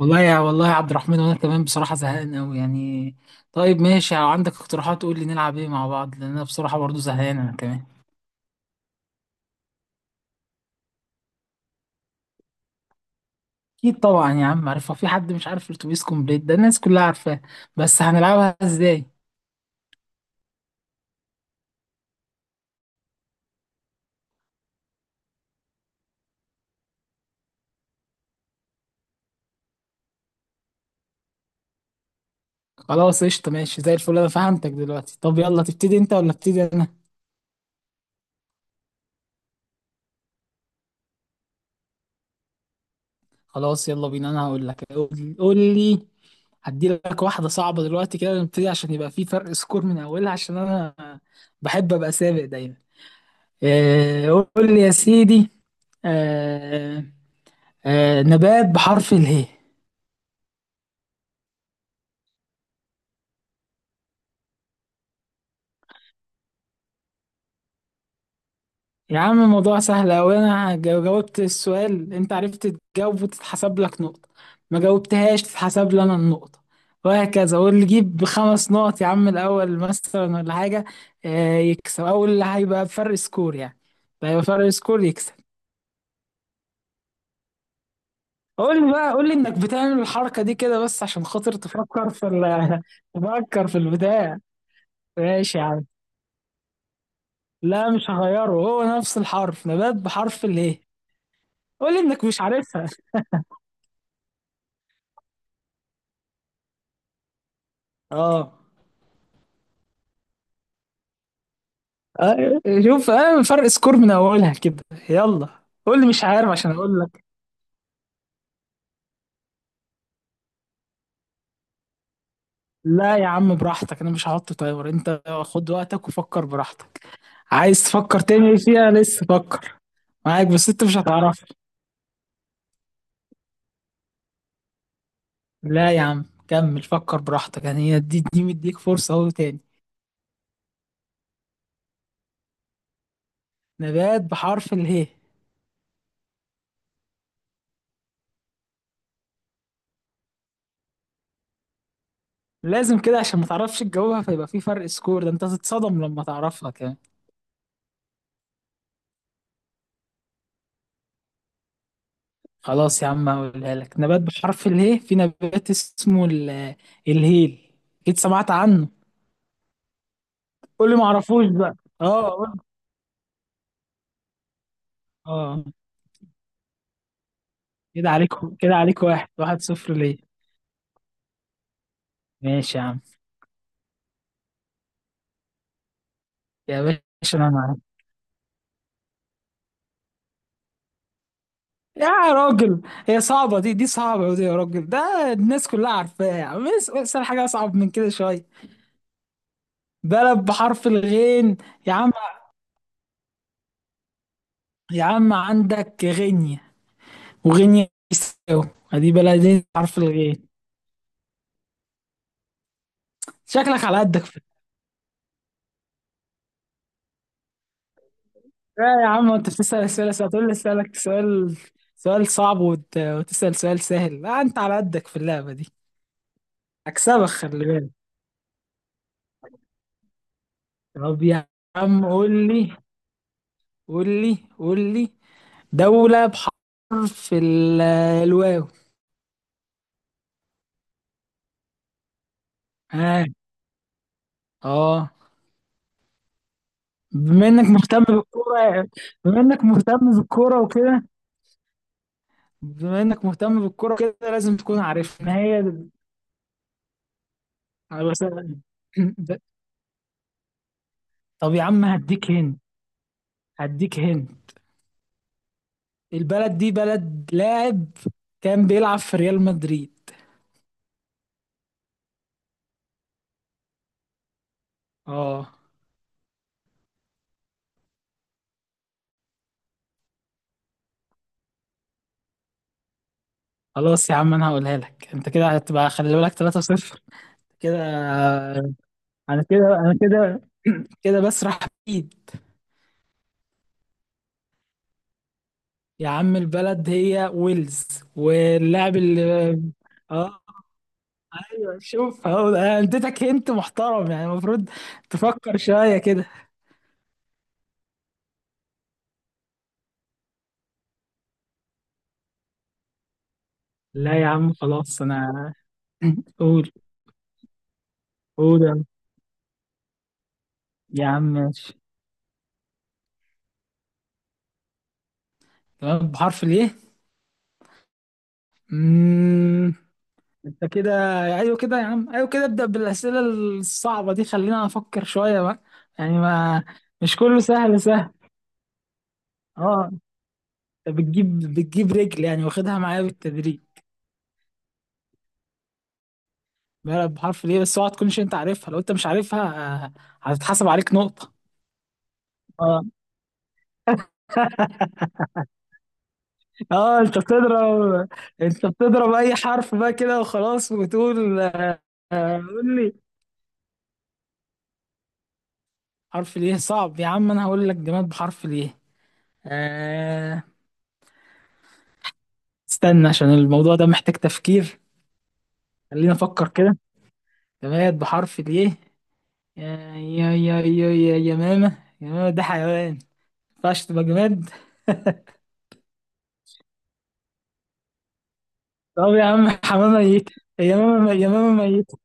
والله يا عبد الرحمن، وانا كمان بصراحة زهقان قوي يعني. طيب ماشي، لو عندك اقتراحات قول لي نلعب ايه مع بعض، لان انا بصراحة برضو زهقان انا كمان. اكيد طبعا يا عم عارفها، في حد مش عارف الاتوبيس كومبليت ده؟ الناس كلها عارفاه. بس هنلعبها ازاي؟ خلاص قشطة، ماشي زي الفل، انا فهمتك دلوقتي. طب يلا تبتدي انت ولا ابتدي انا؟ خلاص يلا بينا، انا هقول لك. قول لي. هدي لك واحدة صعبة دلوقتي كده نبتدي، عشان يبقى في فرق سكور من اولها، عشان انا بحب ابقى سابق دايما. آه، قول لي يا سيدي. آه، نبات بحرف اله. يا عم الموضوع سهل أوي، أنا جاوبت السؤال، أنت عرفت تجاوب وتتحسب لك نقطة، ما جاوبتهاش تتحسب لي أنا النقطة، وهكذا، واللي يجيب بخمس نقط يا عم الأول مثلا ولا حاجة، يكسب أول، اللي هيبقى بفرق سكور يعني. اللي هيبقى فرق سكور يكسب. قول لي بقى، قول لي إنك بتعمل الحركة دي كده بس عشان خاطر تفكر في تفكر في البتاع. ماشي يا عم. لا مش هغيره، هو نفس الحرف، نبات بحرف الايه. قول لي انك مش عارفها. اه. آه، شوف، آه فرق سكور من اولها كده. يلا. قول لي مش عارف عشان اقول لك. لا يا عم براحتك، انا مش هحط تايمر، انت خد وقتك وفكر براحتك. عايز تفكر تاني فيها؟ لسه فكر، معاك، بس انت مش هتعرف. لا يا عم كمل فكر براحتك، يعني هي دي مديك فرصة اهو تاني. نبات بحرف اله. لازم كده عشان ما تعرفش تجاوبها، فيبقى في فرق سكور، ده انت هتتصدم لما تعرفها كمان. خلاص يا عم هقولها لك، نبات بحرف اله، في نبات اسمه الهيل، اكيد سمعت عنه. قول لي ما اعرفوش بقى. اه قول. اه. كده عليك، كده عليك واحد، واحد صفر ليه. ماشي يا عم. يا باشا انا معاك. يا راجل، هي صعبة دي، دي صعبة ودي يا راجل، ده الناس كلها عارفاها، يا عم اسأل حاجة أصعب من كده شوية. بلد بحرف الغين، يا عم، يا عم عندك غينيا، وغينيا بيساو، ادي بلدين بحرف الغين. شكلك على قدك. لا يا عم، انت بتسأل اسئله سهله، هتقول لي اسالك سؤال، سؤال صعب وتسأل سؤال سهل، لا انت على قدك في اللعبه دي. هكسبك خلي بالك. طب يا عم قول لي، قول لي دولة بحرف ال... الواو. ها. اه، بما انك مهتم بالكورة، بما انك مهتم بالكورة وكده، بما انك مهتم بالكورة كده لازم تكون عارف ان هي على طب يا عم هديك هنا، هديك هنا، البلد دي بلد لاعب كان بيلعب في ريال مدريد. اه. خلاص يا عم انا هقولها لك، انت كده هتبقى خلي بالك 3-0 كده. انا كده، كده بسرح بيد. يا عم البلد هي ويلز، واللاعب اللي... اه. ايوه شوف اهو، انا اديتك هنت محترم يعني المفروض تفكر شويه كده. لا يا عم خلاص انا. قول. قول يا عم. يا عم ماشي، تمام بحرف الايه. انت كده، ايوه كده يا عم، ايوه كده ابدأ بالأسئلة الصعبة دي، خلينا افكر شوية بقى، يعني ما مش كله سهل سهل. اه، انت بتجيب بتجيب رجل يعني، واخدها معايا بالتدريج. بلد بحرف ليه، بس اوعى تكونش انت عارفها، لو انت مش عارفها آه، هتتحسب عليك نقطة. اه. اه انت بتضرب، اي حرف بقى كده وخلاص، وتقول قول لي. حرف ليه صعب يا عم؟ انا هقول لك جماد بحرف ليه. آه استنى عشان الموضوع ده محتاج تفكير. خلينا نفكر كده، جماد بحرف الايه. يا يا يا يا يا يمامة ده حيوان، ما ينفعش تبقى جماد. طب يا عم حمامة ميتة، يمامة ميتة.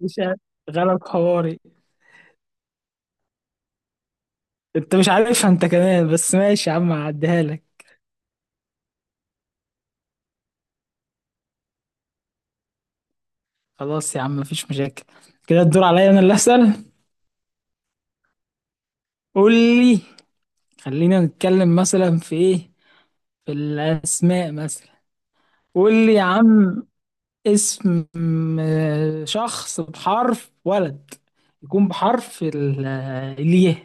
مش عارف. غلط حواري. انت مش عارفها انت كمان بس ماشي يا عم هعديها لك. خلاص يا عم مفيش مشاكل. كده الدور عليا انا اللي اسال. قول لي. خلينا نتكلم مثلا في ايه، في الاسماء مثلا. قول لي يا عم اسم شخص بحرف ولد يكون بحرف الياء.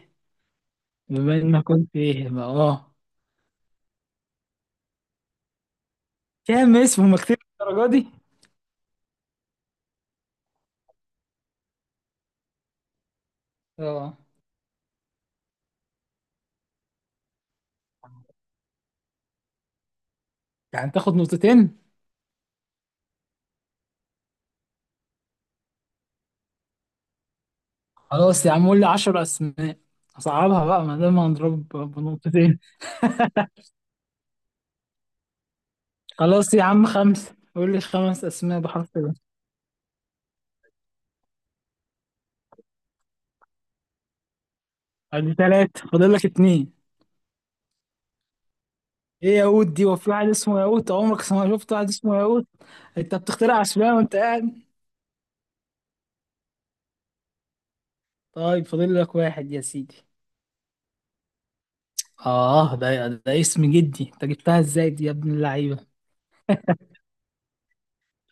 بما انك كنت ايه بقى، اه. كام اسم؟ هما كتير الدرجة دي. اه يعني تاخد نقطتين. خلاص يا عم قول لي 10 اسماء، اصعبها بقى ما دام هنضرب بنقطتين. خلاص يا عم خمسة، قول لي خمس اسماء بحرف ال. ادي ثلاثة، فاضل لك اتنين. ايه ياقوت دي؟ وفي واحد اسمه ياقوت؟ عمرك شفت واحد اسمه ياقوت؟ انت بتخترع اسماء وانت قاعد. طيب فاضل لك واحد يا سيدي. اه ده اسم جدي، انت جبتها ازاي دي يا ابن اللعيبه.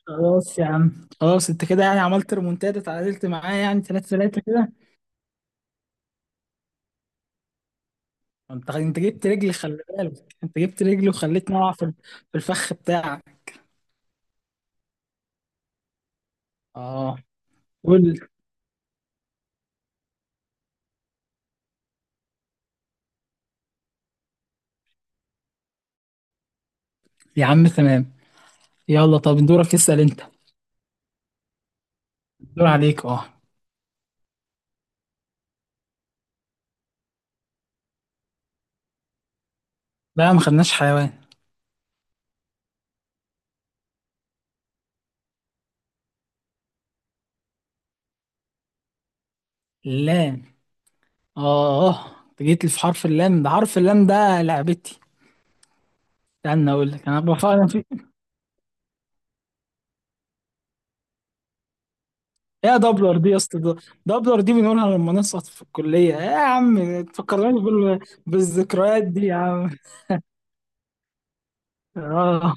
خلاص يا عم خلاص، انت كده يعني عملت ريمونتادا تعادلت معايا يعني 3-3 كده. انت جبت رجلي خلي بالك، انت جبت رجلي وخليتني اقع في في الفخ بتاعك. اه. قول يا عم. تمام. يلا طب دورك اسال انت. دور عليك اه. لا ما خدناش حيوان. لام. اه اه انت جيت لي في حرف اللام، ده حرف اللام ده لعبتي. استنى اقول لك انا بفكر. يا دبلر دي يا اسطى دبلر دي بنقولها لما نسقط في الكلية، ايه يا عم تفكرناش بالذكريات دي يا عم. اه.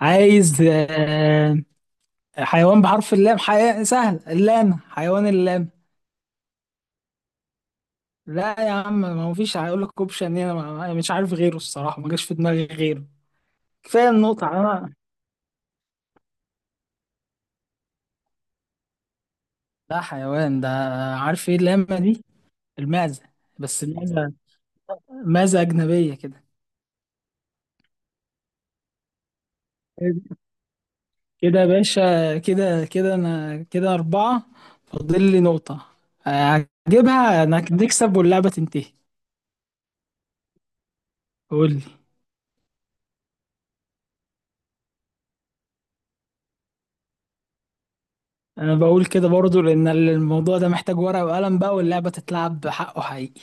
عايز حيوان بحرف اللام، سهل اللام، حيوان اللام. لا يا عم ما مفيش هيقول لك اوبشن هنا، مش عارف غيره الصراحة، ما جاش في دماغي غيره، كفاية النقطة انا. لا حيوان ده. عارف ايه اللامة دي؟ المعزة، بس المعزة معزة أجنبية كده. كده يا باشا، كده كده، انا كده اربعة، فاضل لي نقطة، هجيبها انا، نكسب واللعبة تنتهي. قول لي. انا بقول كده برضو لان الموضوع ده محتاج ورقة وقلم بقى، واللعبة تتلعب بحقه حقيقي.